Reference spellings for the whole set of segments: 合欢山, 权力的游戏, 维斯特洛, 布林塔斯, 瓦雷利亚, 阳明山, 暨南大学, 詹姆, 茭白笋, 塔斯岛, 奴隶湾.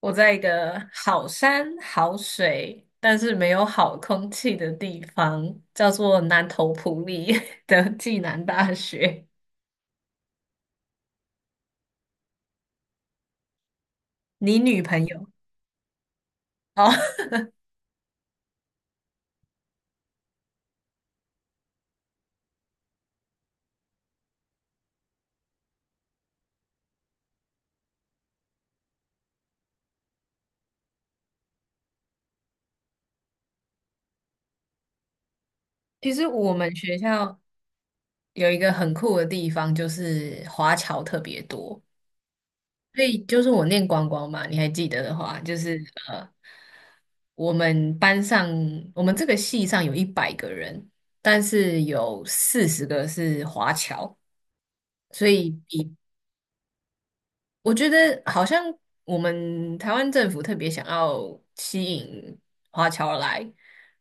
我在一个好山好水，但是没有好空气的地方，叫做南投埔里 的暨南大学。你女朋友哦？其实我们学校有一个很酷的地方，就是华侨特别多。所以就是我念光光嘛，你还记得的话，就是呃，我们班上我们这个系上有100个人，但是有40个是华侨。所以比我觉得好像我们台湾政府特别想要吸引华侨来，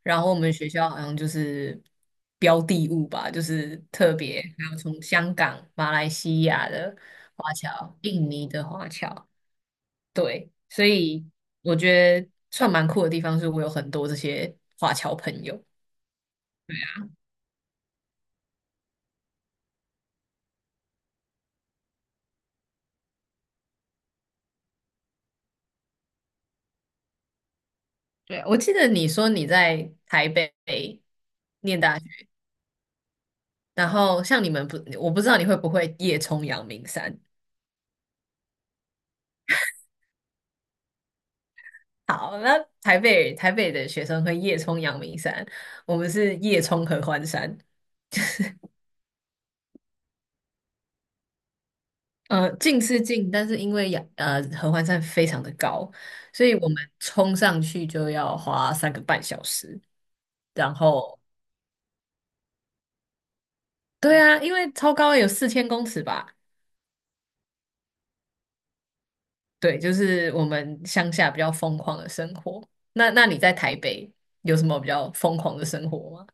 然后我们学校好像就是标的物吧，就是特别还有从香港、马来西亚的华侨、印尼的华侨。对，所以我觉得算蛮酷的地方是我有很多这些华侨朋友。对，我记得你说你在台北念大学，然后像你们不，我不知道你会不会夜冲阳明山。好，那台北的学生会夜冲阳明山，我们是夜冲合欢山。呃，近是近，但是因为合欢山非常的高，所以我们冲上去就要花3个半小时。然后，对啊，因为超高有4000公尺吧？对，就是我们乡下比较疯狂的生活。那你在台北有什么比较疯狂的生活吗？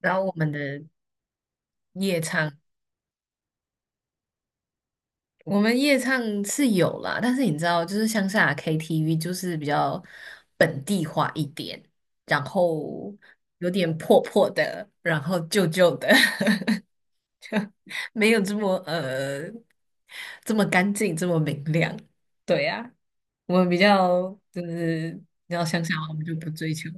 然后我们的夜唱我们夜唱是有啦，但是你知道，就是乡下 KTV 就是比较本地化一点，然后有点破破的，然后旧旧的，就没有这么这么干净，这么明亮。对呀，我们比较就是你知道乡下话，我们就不追求。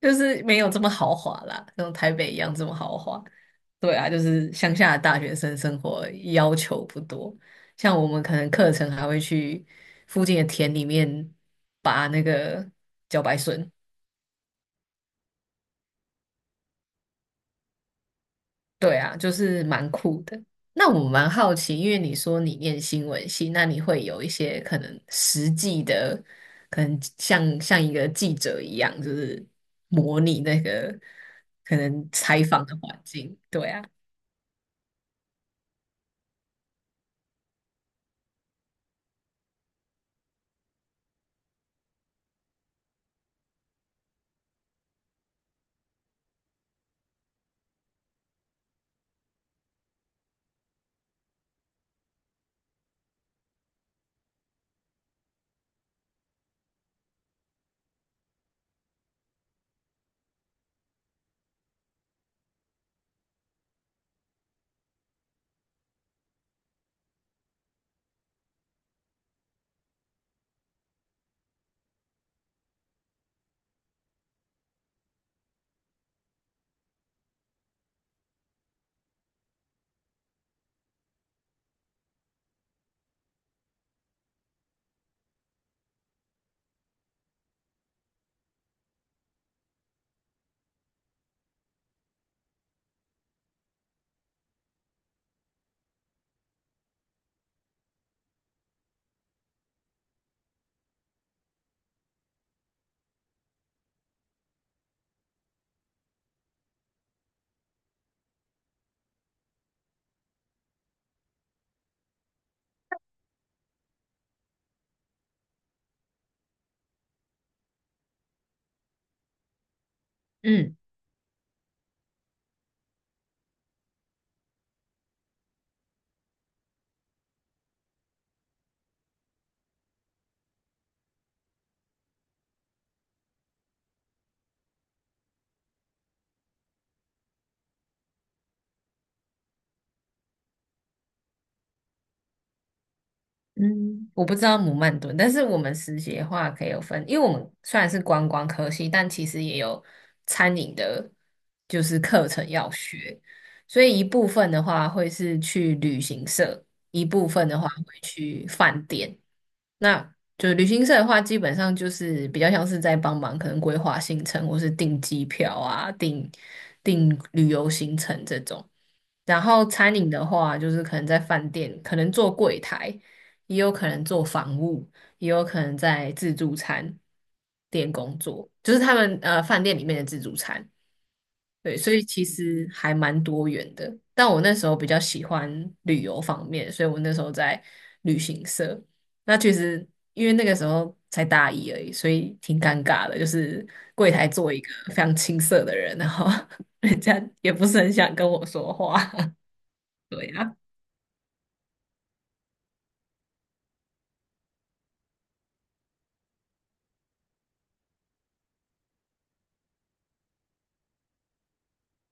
就是没有这么豪华啦，像台北一样这么豪华。对啊，就是乡下的大学生生活要求不多，像我们可能课程还会去附近的田里面拔那个茭白笋。对啊，就是蛮酷的。那我蛮好奇，因为你说你念新闻系，那你会有一些可能实际的，可能像一个记者一样，就是模拟那个可能采访的环境。对啊，嗯。嗯，我不知道姆曼顿，但是我们实习的话可以有分，因为我们虽然是观光科系，但其实也有餐饮的，就是课程要学，所以一部分的话会是去旅行社，一部分的话会去饭店，那就是旅行社的话，基本上就是比较像是在帮忙，可能规划行程或是订机票啊、订旅游行程这种。然后餐饮的话，就是可能在饭店，可能做柜台，也有可能做房务，也有可能在自助餐店工作，就是他们饭店里面的自助餐。对，所以其实还蛮多元的。但我那时候比较喜欢旅游方面，所以我那时候在旅行社。那其实因为那个时候才大一而已，所以挺尴尬的，就是柜台做一个非常青涩的人，然后 人家也不是很想跟我说话。对呀。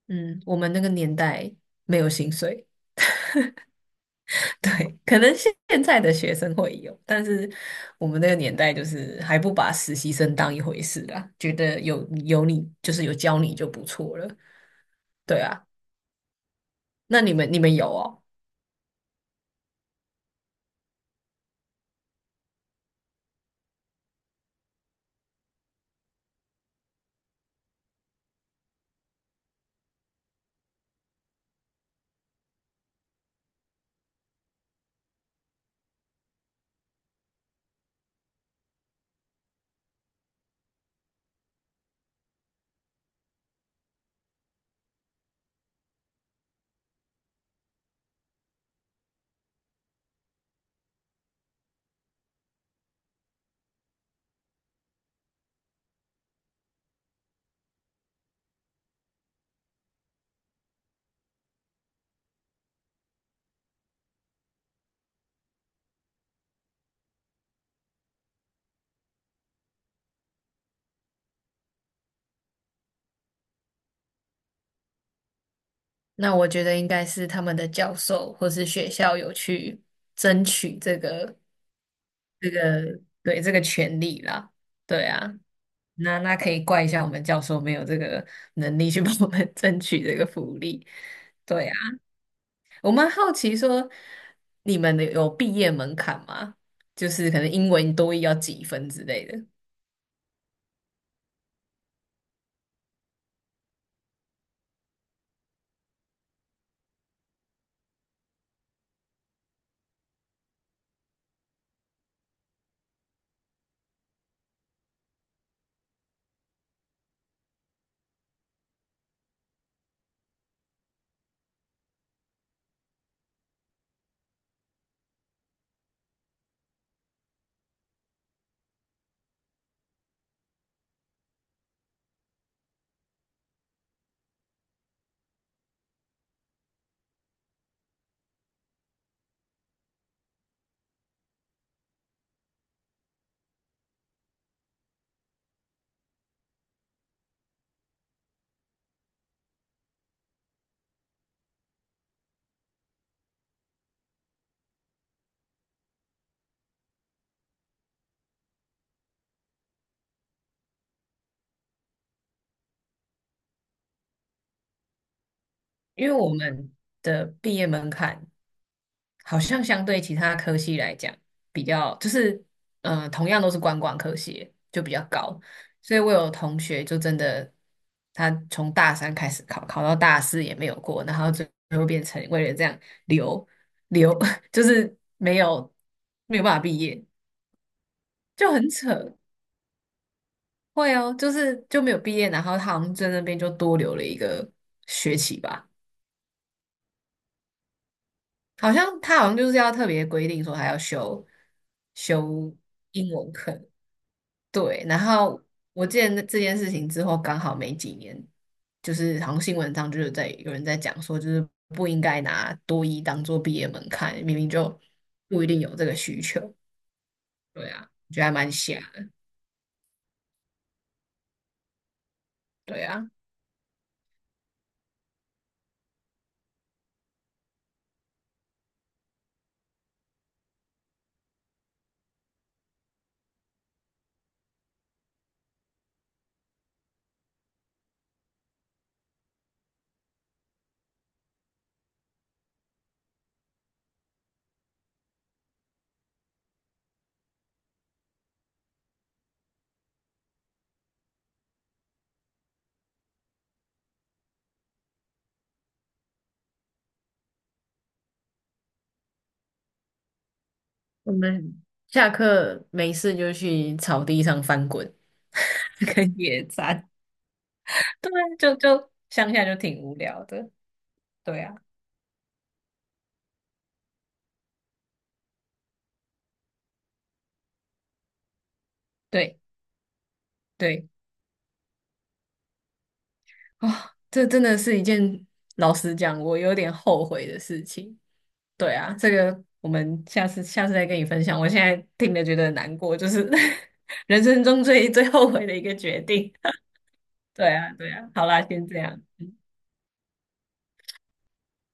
嗯，我们那个年代没有薪水。对，可能现在的学生会有，但是我们那个年代就是还不把实习生当一回事啦，觉得有你就是有教你就不错了。对啊，那你们有哦？那我觉得应该是他们的教授或是学校有去争取这个权利啦。对啊，那可以怪一下我们教授没有这个能力去 帮我们 争取这个福利。对啊，我蛮好奇说你们的有毕业门槛吗？就是可能英文多益要几分之类的，因为我们的毕业门槛。好像相对其他科系来讲，比较就是，同样都是观光科系，就比较高。所以我有同学就真的，他从大三开始考，考到大四也没有过，然后最后变成为了这样留留，就是没有办法毕业，就很扯。会哦，就是就没有毕业，然后他好像在那边就多留了一个学期吧。好像他好像就是要特别规定说还要修英文课。对，然后我记得那这件事情之后，刚好没几年，就是好像新闻上就是在有人在讲说，就是不应该拿多一当做毕业门槛，明明就不一定有这个需求。对啊，我觉得还蛮瞎的。对啊，我们下课没事就去草地上翻滚。跟野餐，对啊，就乡下就挺无聊的。对啊，对对。啊，这真的是一件老实讲，我有点后悔的事情。对啊，这个我们下次再跟你分享。我现在听了觉得很难过，就是 人生中最后悔的一个决定。对啊，对啊，好啦，先这样。